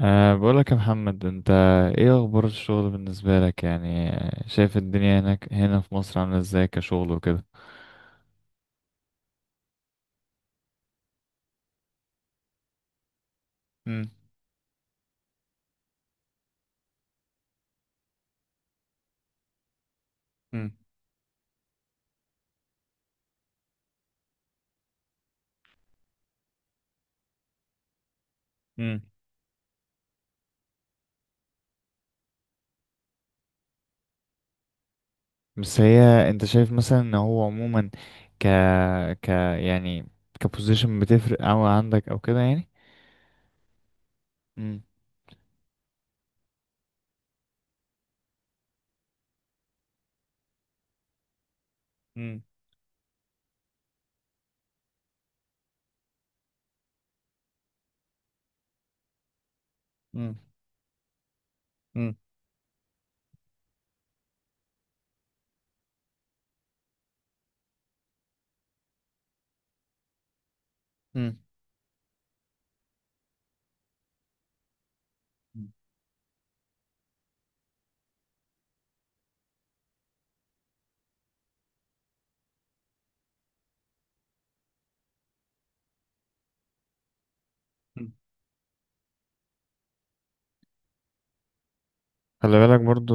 بقولك يا محمد، انت ايه اخبار الشغل بالنسبة لك يعني شايف الدنيا هناك هنا في مصر عاملة ازاي كشغل وكده؟ مم. مم. مم. بس هي انت شايف مثلا ان هو عموما ك ك يعني كبوزيشن بتفرق او عندك او كده يعني؟ مم. مم. مم. مم. مم. خلي بالك برضو.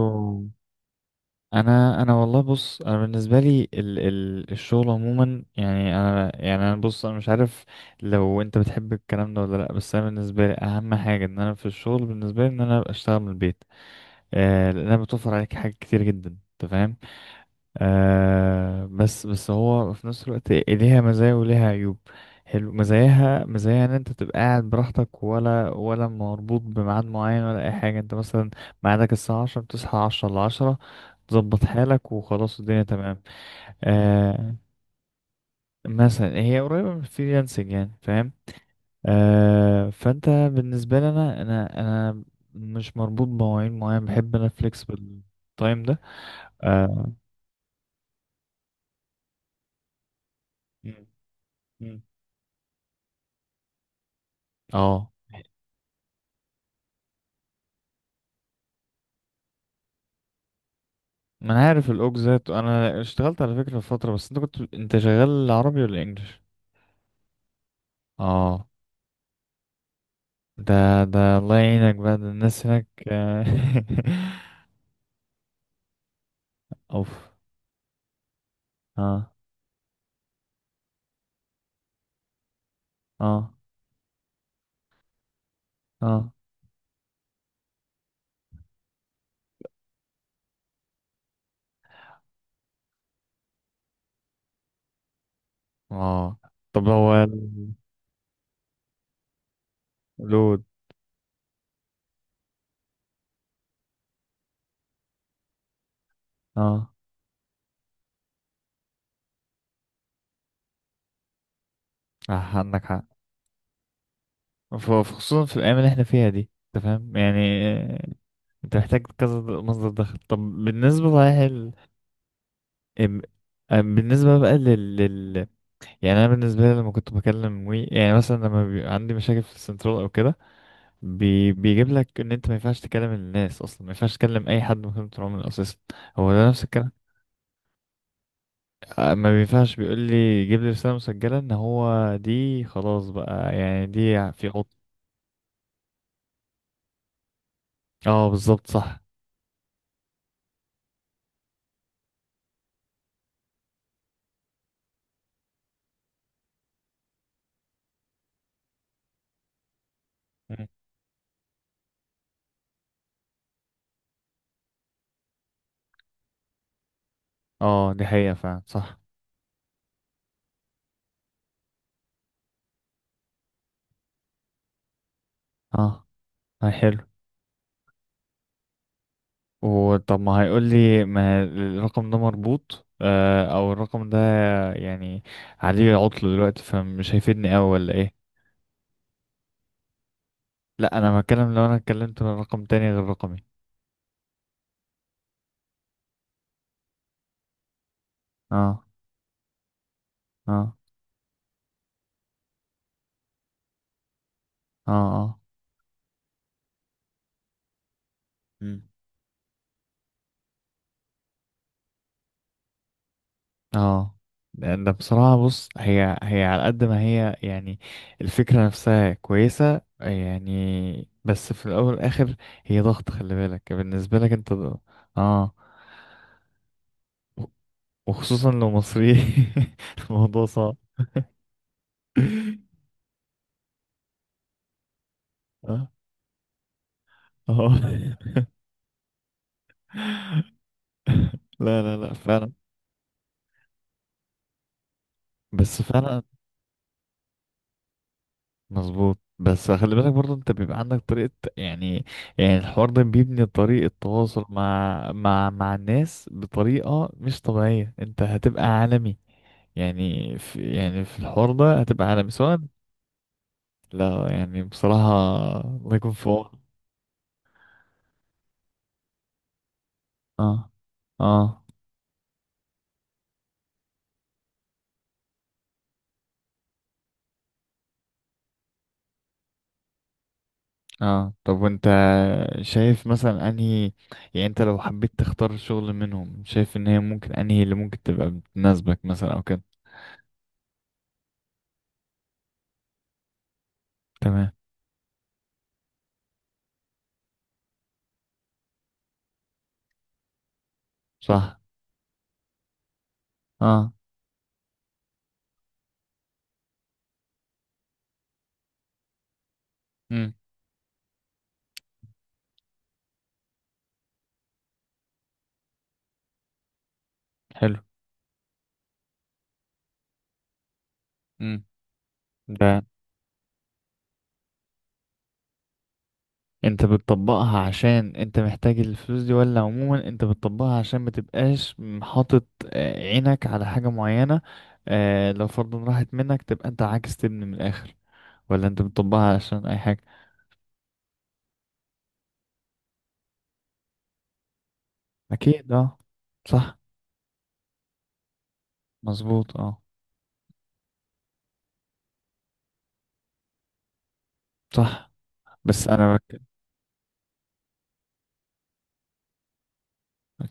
انا والله، بص، انا بالنسبه لي ال الشغل عموما، يعني انا، يعني انا، بص انا مش عارف لو انت بتحب الكلام ده ولا لا، بس انا بالنسبه لي اهم حاجه ان انا في الشغل، بالنسبه لي، ان انا ابقى اشتغل من البيت. لانها بتوفر عليك حاجات كتير جدا، انت فاهم. بس هو في نفس الوقت ليها مزايا وليها عيوب. حلو. مزاياها مزايا ان انت تبقى قاعد براحتك ولا مربوط بميعاد معين ولا اي حاجه. انت مثلا ميعادك الساعه 10، بتصحى 10 ل 10، تظبط حالك وخلاص الدنيا تمام. آه مثلا هي قريبه من الفريلانسنج، يعني فاهم. فانت بالنسبه لي، انا مش مربوط بمواعيد معين، بحب انا فليكسبل تايم ده. اه. مم. مم. اه. ما انا عارف الاوك ذات. انا اشتغلت على فكرة في فترة، بس انت شغال عربي ولا انجليش؟ اه. ده الله يعينك بقى. ده الناس هناك اوف. اه. اه. اه. اه. طب هو لود. اه. عندك حق. خصوصا في الايام اللي احنا فيها دي، انت فاهم يعني انت محتاج كذا مصدر دخل. طب بالنسبة، صحيح ام- بالنسبة بقى يعني انا بالنسبه لي لما كنت بكلم وي، يعني مثلا لما بيبقى عندي مشاكل في السنترال او كده، بيجيب لك ان انت ما ينفعش تكلم الناس اصلا، ما ينفعش تكلم اي حد من خدمه العملاء اساسا. هو ده نفس الكلام؟ ما بينفعش. بيقول لي جيب لي رساله مسجله ان هو دي خلاص بقى، يعني دي في عطل. اه بالظبط صح. مم. اه دي حقيقه فعلا صح. اه هاي حلو. وطب ما هيقول لي ما الرقم ده مربوط او الرقم ده يعني عليه عطل دلوقتي، فمش هيفيدني اوي ولا ايه؟ لا انا بتكلم لو انا اتكلمت من رقم تاني غير رقمي. اه. اه. اه. اه. مم. اه. لأن ده بصراحة، بص، هي على قد ما هي يعني، الفكرة نفسها كويسة يعني، بس في الأول والآخر هي ضغط. خلي بالك بالنسبة لك أنت اه. و- وخصوصا لو مصري. الموضوع صعب. اه. اه. لا، لا، لا، فعلا. بس فعلا مظبوط. بس خلي بالك برضه، انت بيبقى عندك طريقة يعني يعني الحوار ده بيبني طريقة تواصل مع الناس بطريقة مش طبيعية. انت هتبقى عالمي. يعني في الحوار ده هتبقى عالمي سواء. لا يعني بصراحة، الله يكون في عونك. اه. اه. اه. طب وانت شايف مثلا انهي، يعني انت لو حبيت تختار شغل منهم، شايف ان هي ممكن انهي اللي ممكن تبقى بتناسبك مثلا او كده؟ تمام. صح. اه. امم. حلو. مم. ده انت بتطبقها عشان انت محتاج الفلوس دي، ولا عموما انت بتطبقها عشان ما تبقاش حاطط عينك على حاجة معينة؟ لو فرضا راحت منك، تبقى انت عاكس، تبني من الاخر، ولا انت بتطبقها عشان اي حاجة؟ اكيد اه صح. مظبوط اه صح. بس انا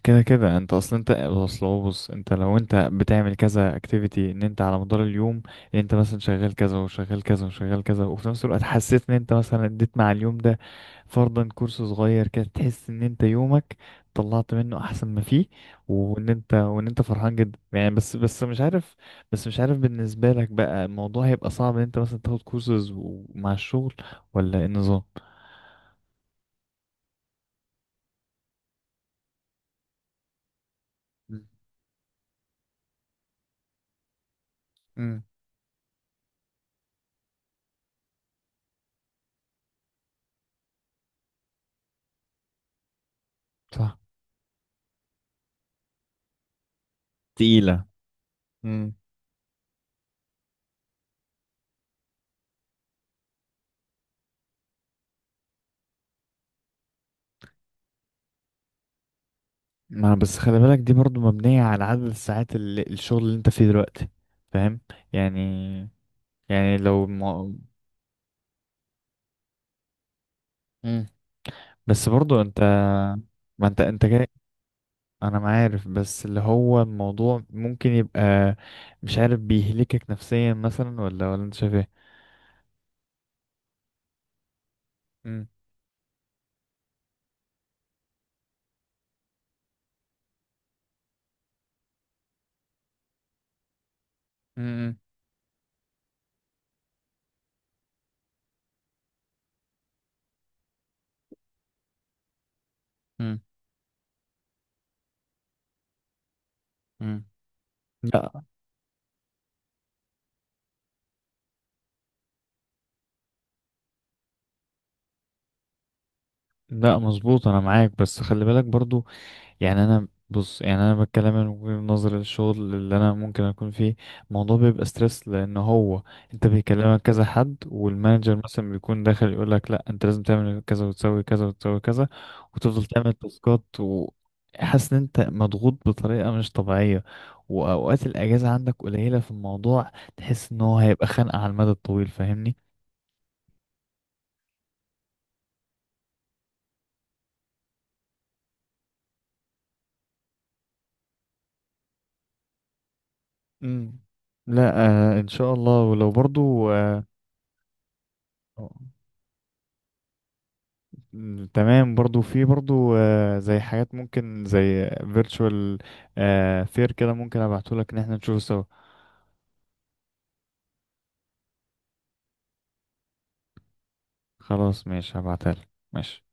كده كده انت اصلا، انت اصل هو، بص، انت لو انت بتعمل كذا اكتيفيتي ان انت على مدار اليوم، ان انت مثلا شغال كذا وشغال كذا وشغال كذا، وفي نفس الوقت حسيت ان انت مثلا اديت مع اليوم ده فرضا كورس صغير كده، تحس ان انت يومك طلعت منه احسن ما فيه. وان انت فرحان جدا يعني، بس مش عارف. بس مش عارف بالنسبة لك بقى الموضوع هيبقى صعب ان انت مثلا تاخد كورسز مع الشغل، ولا ايه النظام؟ مم. مم. صح. تقيلة. ما بس خلي بالك، دي برضو مبنية على عدد الساعات اللي الشغل اللي انت فيه دلوقتي، فاهم يعني يعني لو ما... مم. بس برضو انت. ما انت جاي. انا ما عارف، بس اللي هو الموضوع ممكن يبقى، مش عارف، بيهلكك نفسيا مثلا ولا انت شايف ايه؟ مم. مم. مم. مم. لا، لا، مظبوط. انا معاك، بس خلي بالك برضو، يعني انا، بص، يعني انا بتكلم من وجهة نظر الشغل اللي انا ممكن اكون فيه. الموضوع بيبقى ستريس، لان هو انت بيكلمك كذا حد، والمانجر مثلا بيكون داخل يقول لك لا انت لازم تعمل كذا وتسوي كذا وتسوي كذا، وتفضل تعمل تاسكات وحاسس ان انت مضغوط بطريقة مش طبيعية، واوقات الاجازة عندك قليلة في الموضوع، تحس ان هو هيبقى خانقة على المدى الطويل، فاهمني؟ امم. لا. آه ان شاء الله. ولو برضو آه. مم، تمام. برضو في برضو زي حاجات ممكن، زي فيرتشوال فير كده، ممكن ابعتهولك ان احنا نشوفه سوا. خلاص ماشي، هبعتهالك، ماشي.